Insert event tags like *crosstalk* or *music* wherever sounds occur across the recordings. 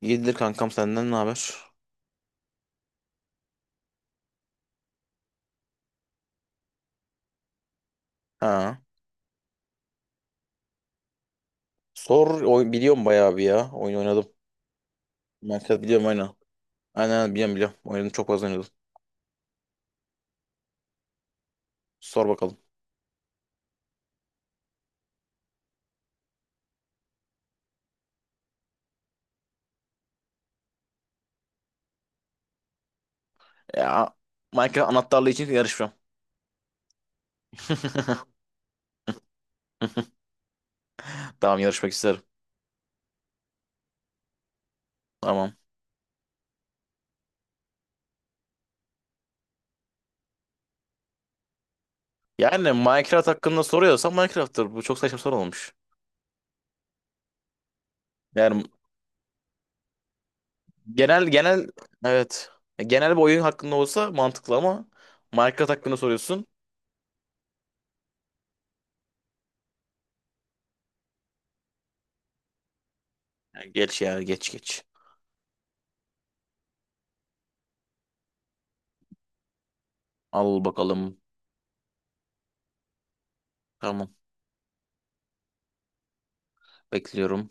İyidir kankam, senden ne haber? Ha. Sor oy, biliyorum bayağı bir ya. Oyun oynadım. Minecraft biliyorum, aynen. Aynen aynen, biliyorum biliyorum. Oynadım, çok fazla oynadım. Sor bakalım. Ya, Minecraft anahtarlığı için yarışmam. *laughs* Tamam, yarışmak isterim. Tamam. Yani Minecraft hakkında soruyorsan Minecraft'tır. Bu çok saçma soru olmuş. Yani genel genel, evet. Genel bir oyun hakkında olsa mantıklı ama Minecraft hakkında soruyorsun. Ya geç, ya geç geç. Al bakalım. Tamam. Bekliyorum.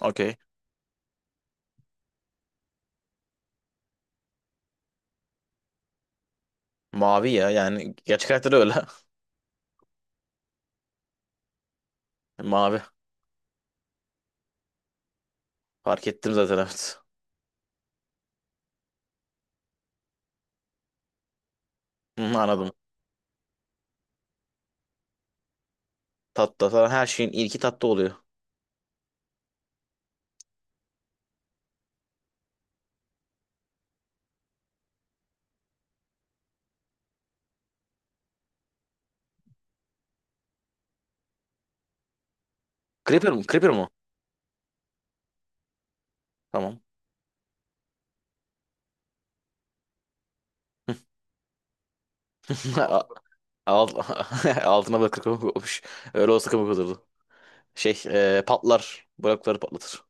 Okey. Mavi ya, yani gerçek hayatta da öyle. *laughs* Mavi. Fark ettim zaten, evet. Hı, anladım. Tatlı. Zaten her şeyin ilki tatlı oluyor. Creeper mi? Creeper mu? Tamam. *laughs* Alt, *laughs* altına da kırkımık olmuş. Öyle olsa kırkımık olurdu. Patlar. Blokları patlatır.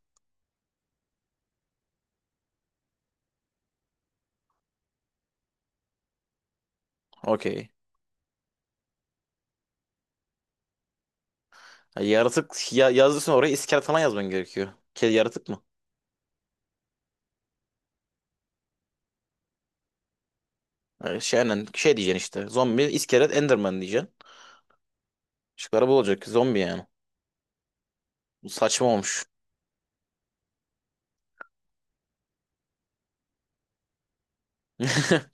Okey. Yaratık ya, yazdıysan oraya iskelet falan yazman gerekiyor. Kedi yaratık mı? Şey, aynen, şey diyeceksin işte. Zombi, iskelet, enderman diyeceksin. Şıkları bu olacak. Zombi yani. Bu saçma olmuş. *laughs*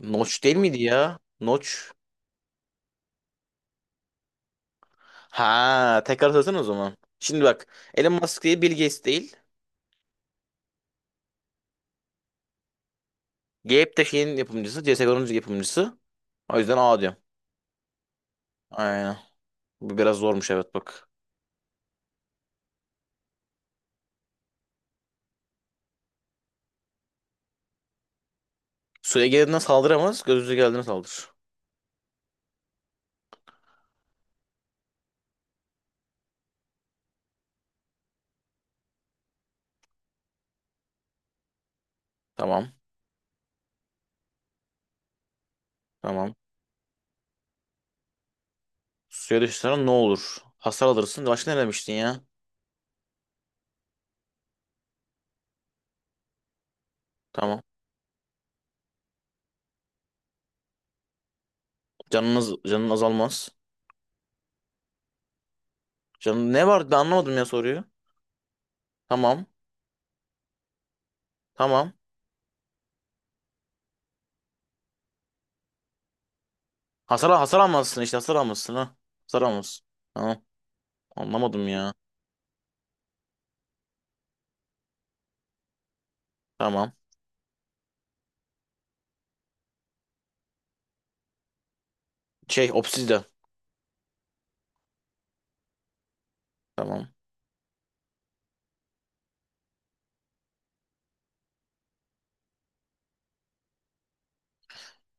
Notch değil miydi ya? Notch. Ha, tekrar hatırlasana o zaman. Şimdi bak, Elon Musk değil, Bill Gates değil. Gap de şeyin yapımcısı. CSGO'nun yapımcısı. O yüzden A diyorum. Aynen. Bu biraz zormuş, evet, bak. Suya geldiğinde saldıramaz. Gözünüze geldiğinde saldır. Tamam. Tamam. Suya düşsen ne olur? Hasar alırsın. Başka ne demiştin ya? Tamam. Canın azalmaz. Canın ne var? Ben anlamadım ya soruyu. Tamam. Tamam. Hasar almazsın işte. Hasar almazsın, ha. Hasar almazsın. Tamam. Anlamadım ya. Tamam. Şey obsidian. Tamam.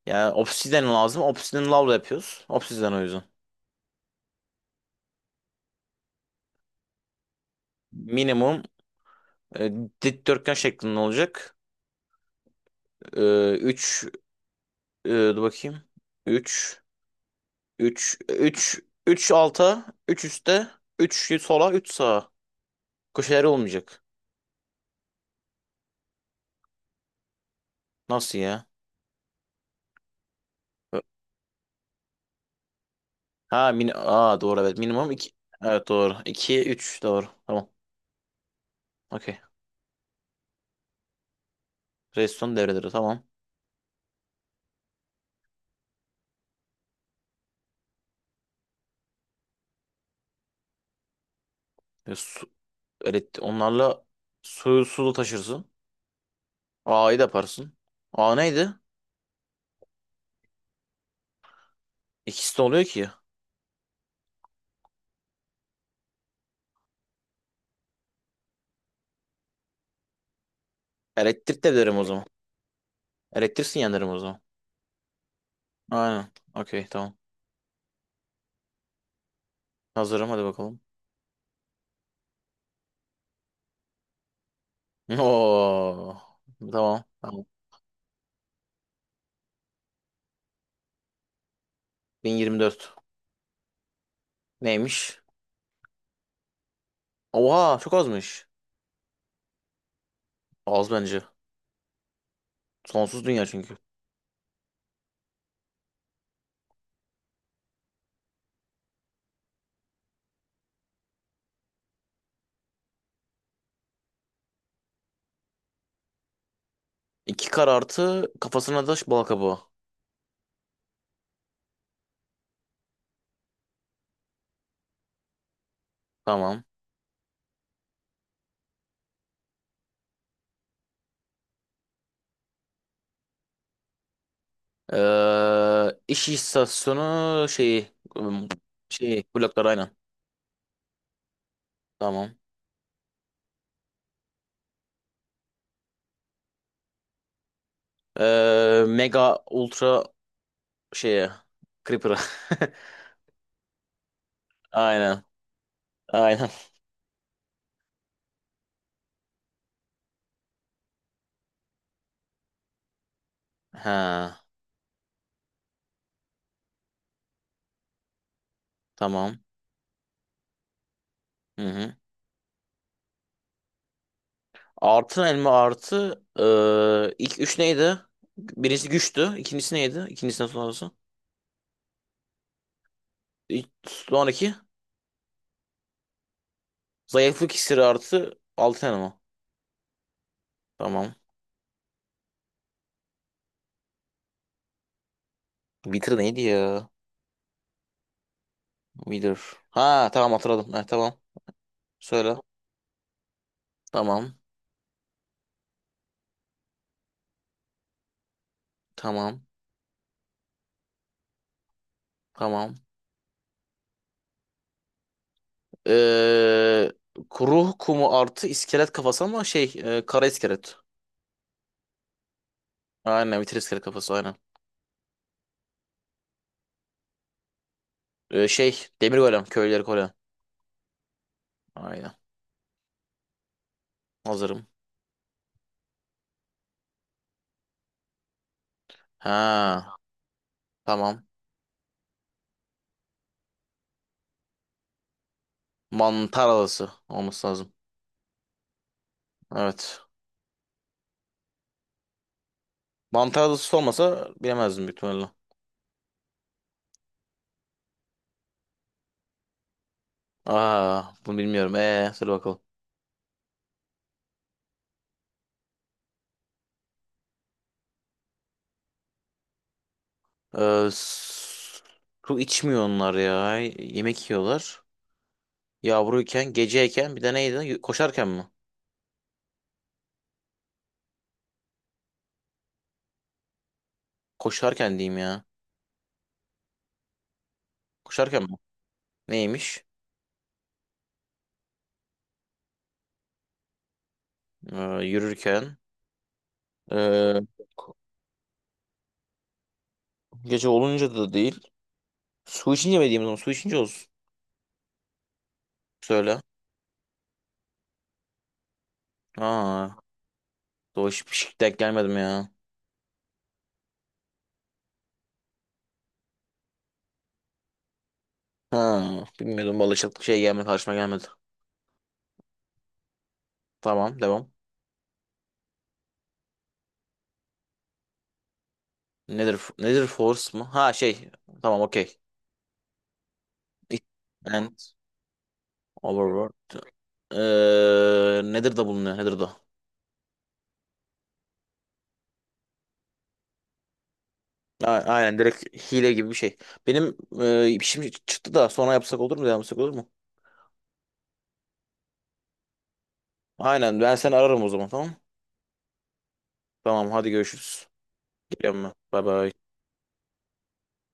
Yani obsidian lazım. Obsidian lavla yapıyoruz. Obsidian o yüzden. Minimum e, dikdörtgen şeklinde olacak. 3, dur bakayım. 3 3 3 3 alta, 3 üstte, üç sola, üç sağa. Köşeleri olmayacak. Nasıl ya? Ha, Aa, doğru, evet. Minimum iki. Evet doğru. 2 üç, doğru. Tamam. Okey. Redstone devreleri, tamam. Su, evet, onlarla suyu sulu taşırsın. A'yı da yaparsın. A neydi? İkisi de oluyor ki. Elektrik de derim o zaman. Elektriksin, yanarım o zaman. Aynen. Okey, tamam. Hazırım, hadi bakalım. *laughs* Oo. Tamam. Tamam. 1.024. Neymiş? Oha, çok azmış. Az bence. Sonsuz dünya çünkü. İki kar artı kafasına da bal kabuğu. Tamam. İş istasyonu şeyi, şeyi bloklar, aynen. Tamam. Mega ultra şeye, Creeper'a. *laughs* Aynen. Aynen. Ha. Tamam. Hı hı. Artı elma artı ilk üç neydi? Birincisi güçtü. İkincisi neydi? İkincisinden sonrası. Sonraki, zayıflık iksiri artı altın elma. Tamam. Wither neydi ya? Wither. Ha, tamam, hatırladım. Heh, tamam. Söyle. Tamam. Tamam. Tamam. Eee Ruh kumu artı iskelet kafası, ama şey kara iskelet. Aynen, Wither iskelet kafası, aynen. Şey demir golem, köyleri golem. Aynen. Hazırım. Ha, tamam. Mantar adası olması lazım. Evet. Mantar adası olmasa bilemezdim, büyük ihtimalle. Aa, bunu bilmiyorum. Söyle bakalım. Ee, s- Su içmiyor onlar ya. Yemek yiyorlar. Yavruyken, geceyken bir de neydi? Koşarken mi? Koşarken diyeyim ya. Koşarken mi? Neymiş? Ee, Yürürken. Ee, ko- Gece olunca da değil. Su içince mi diyeyim o zaman? Su içince olsun. Söyle. Aa, doğru, hiç denk gelmedim ya. Ha, bilmiyordum, balıkçılık şey gelmedi, karşıma gelmedi. Tamam, devam. Nedir nedir, force mu? Ha, şey, tamam, okey. It and overworld. Nedir da bulunuyor, nedir da? Aynen, direkt hile gibi bir şey. Benim şimdi çıktı da, sonra yapsak olur mu? Devam etsek olur mu? Aynen, ben seni ararım o zaman, tamam. Tamam, hadi görüşürüz. Geliyorum ben. Bay bay.